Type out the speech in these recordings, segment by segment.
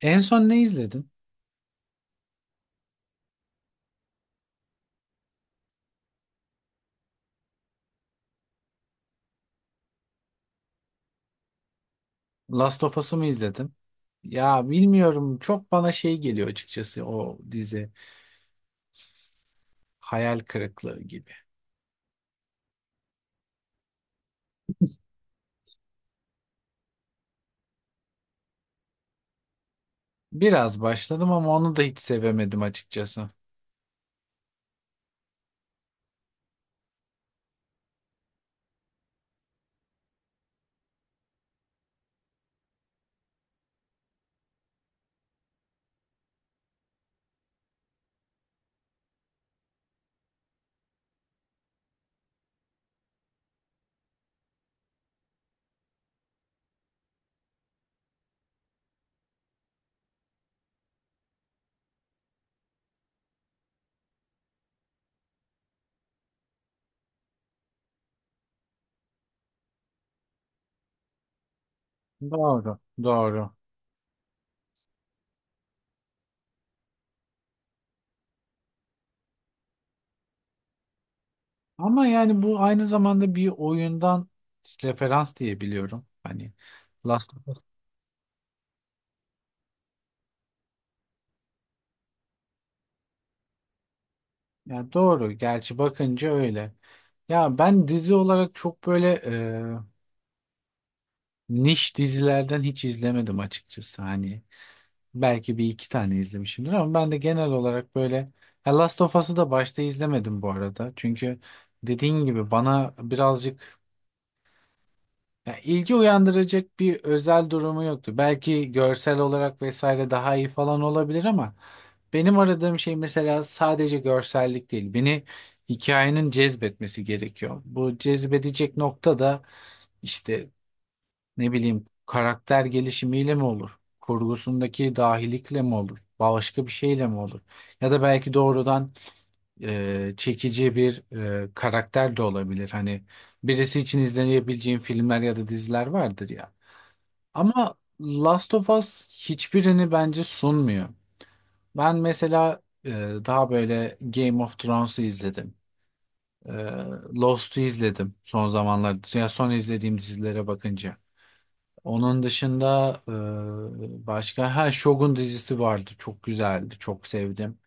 En son ne izledin? Last of Us'ı mı izledin? Ya bilmiyorum, çok bana şey geliyor açıkçası. O dizi hayal kırıklığı gibi. Biraz başladım ama onu da hiç sevemedim açıkçası. Doğru, doğru. Ama yani bu aynı zamanda bir oyundan referans diye biliyorum. Hani Last of Us. Ya doğru, gerçi bakınca öyle. Ya ben dizi olarak çok böyle niş dizilerden hiç izlemedim açıkçası. Hani belki bir iki tane izlemişimdir ama ben de genel olarak böyle. Ya Last of Us'ı da başta izlemedim bu arada. Çünkü dediğin gibi bana birazcık ya ilgi uyandıracak bir özel durumu yoktu. Belki görsel olarak vesaire daha iyi falan olabilir ama benim aradığım şey mesela sadece görsellik değil. Beni hikayenin cezbetmesi gerekiyor. Bu cezbedecek nokta da işte ne bileyim, karakter gelişimiyle mi olur? Kurgusundaki dahilikle mi olur? Başka bir şeyle mi olur? Ya da belki doğrudan çekici bir karakter de olabilir. Hani birisi için izlenebileceğin filmler ya da diziler vardır ya. Ama Last of Us hiçbirini bence sunmuyor. Ben mesela daha böyle Game of Thrones'u izledim. E, Lost'u izledim son zamanlarda. Ya son izlediğim dizilere bakınca. Onun dışında başka ha Shogun dizisi vardı. Çok güzeldi. Çok sevdim.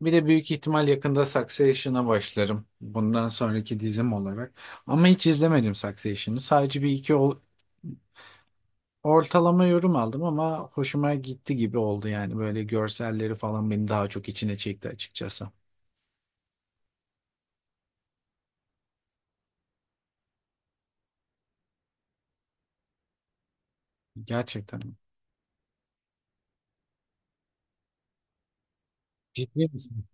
Bir de büyük ihtimal yakında Succession'a başlarım. Bundan sonraki dizim olarak. Ama hiç izlemedim Succession'ı. Sadece bir iki ortalama yorum aldım ama hoşuma gitti gibi oldu yani. Böyle görselleri falan beni daha çok içine çekti açıkçası. Gerçekten. Ciddi misin?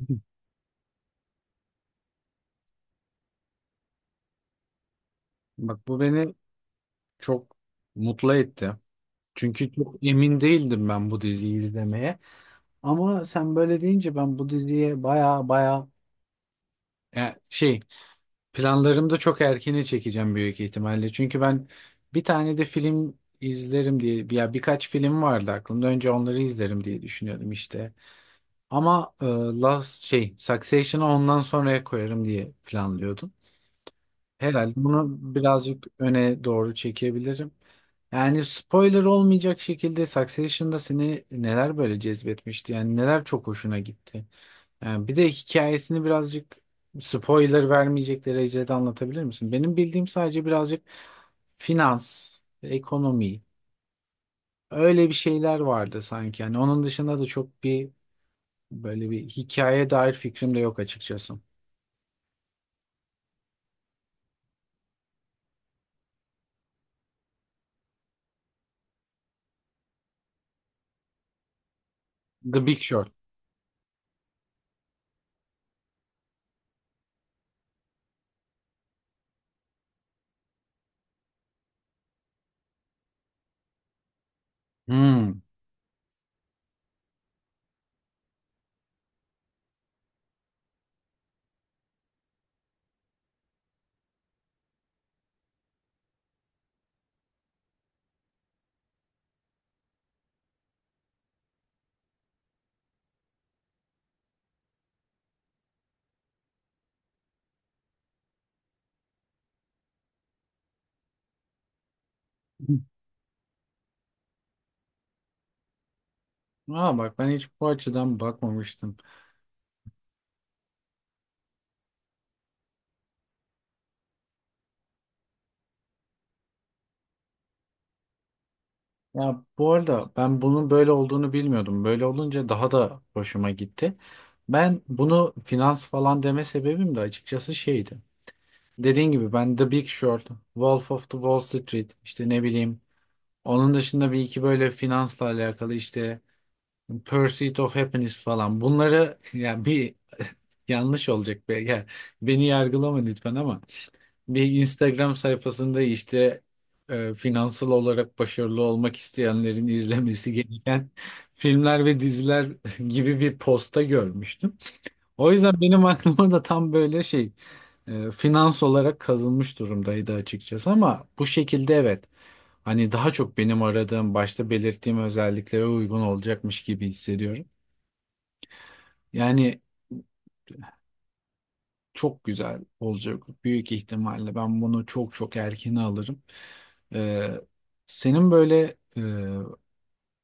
Bak bu beni çok mutlu etti. Çünkü çok emin değildim ben bu diziyi izlemeye. Ama sen böyle deyince ben bu diziye baya baya ya şey, planlarımda çok erkene çekeceğim büyük ihtimalle. Çünkü ben bir tane de film izlerim diye ya, birkaç film vardı aklımda. Önce onları izlerim diye düşünüyordum işte. Ama e, Last şey Succession'ı ondan sonraya koyarım diye planlıyordum. Herhalde bunu birazcık öne doğru çekebilirim. Yani spoiler olmayacak şekilde Succession'da seni neler böyle cezbetmişti? Yani neler çok hoşuna gitti? Yani bir de hikayesini birazcık spoiler vermeyecek derecede anlatabilir misin? Benim bildiğim sadece birazcık finans, ekonomi, öyle bir şeyler vardı sanki. Yani onun dışında da çok bir, böyle bir hikaye dair fikrim de yok açıkçası. The Big Short. Hmm. Aa, bak ben hiç bu açıdan bakmamıştım. Ya bu arada ben bunun böyle olduğunu bilmiyordum. Böyle olunca daha da hoşuma gitti. Ben bunu finans falan deme sebebim de açıkçası şeydi. Dediğin gibi ben The Big Short, Wolf of the Wall Street, işte ne bileyim. Onun dışında bir iki böyle finansla alakalı, işte Pursuit of Happiness falan. Bunları yani bir yanlış olacak be. Yani beni yargılama lütfen ama bir Instagram sayfasında işte finansal olarak başarılı olmak isteyenlerin izlemesi gereken filmler ve diziler gibi bir posta görmüştüm. O yüzden benim aklıma da tam böyle şey, finans olarak kazınmış durumdaydı açıkçası ama bu şekilde, evet. Hani daha çok benim aradığım, başta belirttiğim özelliklere uygun olacakmış gibi hissediyorum. Yani çok güzel olacak büyük ihtimalle. Ben bunu çok çok erken alırım. Ee, Senin böyle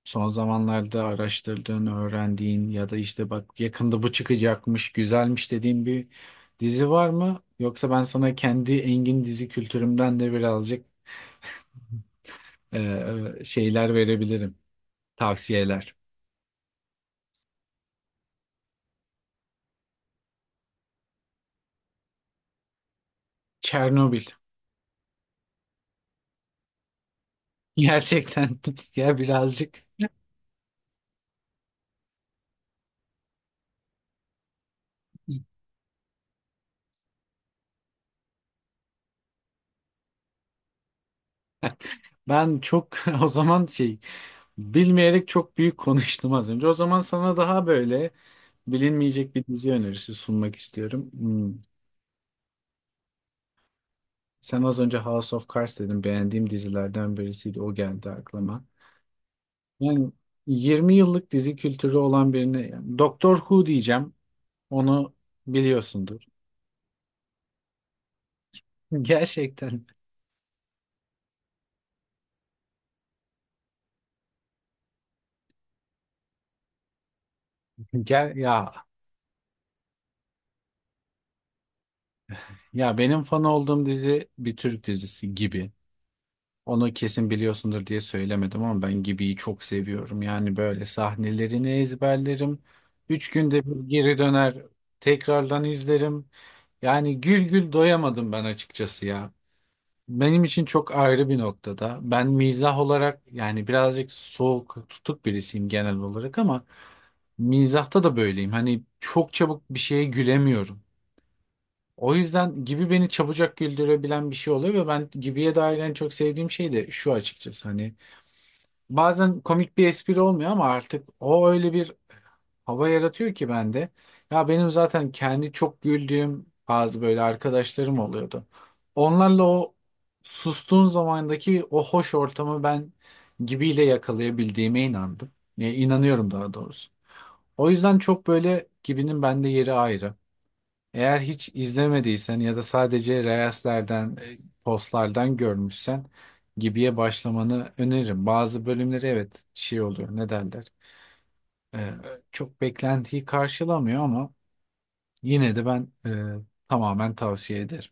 son zamanlarda araştırdığın, öğrendiğin ya da işte bak yakında bu çıkacakmış, güzelmiş dediğin bir dizi var mı? Yoksa ben sana kendi engin dizi kültürümden de birazcık şeyler verebilirim, tavsiyeler. Çernobil. Gerçekten. Ya birazcık. Ben çok o zaman şey, bilmeyerek çok büyük konuştum az önce. O zaman sana daha böyle bilinmeyecek bir dizi önerisi sunmak istiyorum. Hmm. Sen az önce House of Cards dedin. Beğendiğim dizilerden birisiydi. O geldi aklıma. Yani 20 yıllık dizi kültürü olan birine yani Doctor Who diyeceğim. Onu biliyorsundur. Gerçekten. Ger ya Ya benim fan olduğum dizi bir Türk dizisi, Gibi. Onu kesin biliyorsundur diye söylemedim ama ben Gibi'yi çok seviyorum. Yani böyle sahnelerini ezberlerim. Üç günde bir geri döner, tekrardan izlerim. Yani gül gül doyamadım ben açıkçası ya. Benim için çok ayrı bir noktada. Ben mizah olarak yani birazcık soğuk, tutuk birisiyim genel olarak ama mizahta da böyleyim. Hani çok çabuk bir şeye gülemiyorum. O yüzden Gibi beni çabucak güldürebilen bir şey oluyor ve ben Gibi'ye dair en çok sevdiğim şey de şu açıkçası, hani bazen komik bir espri olmuyor ama artık o öyle bir hava yaratıyor ki bende. Ya benim zaten kendi çok güldüğüm bazı böyle arkadaşlarım oluyordu. Onlarla o sustuğun zamandaki o hoş ortamı ben Gibi'yle yakalayabildiğime inandım. Ya, inanıyorum daha doğrusu. O yüzden çok böyle Gibi'nin bende yeri ayrı. Eğer hiç izlemediysen ya da sadece reelslerden, postlardan görmüşsen Gibi'ye başlamanı öneririm. Bazı bölümleri evet şey oluyor, ne derler. E, Çok beklentiyi karşılamıyor ama yine de ben tamamen tavsiye ederim.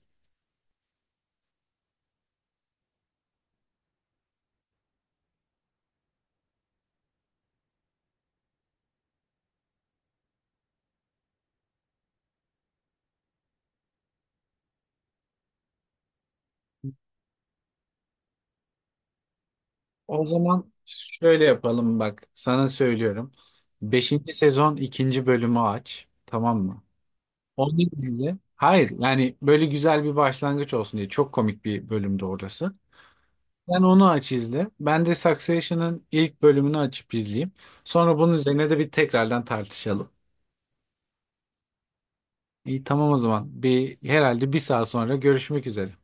O zaman şöyle yapalım, bak sana söylüyorum. Beşinci sezon ikinci bölümü aç, tamam mı? Onu izle. Hayır yani böyle güzel bir başlangıç olsun diye, çok komik bir bölümde orası. Sen onu aç izle. Ben de Succession'ın ilk bölümünü açıp izleyeyim. Sonra bunun üzerine de bir tekrardan tartışalım. İyi, tamam o zaman. Bir herhalde bir saat sonra görüşmek üzere.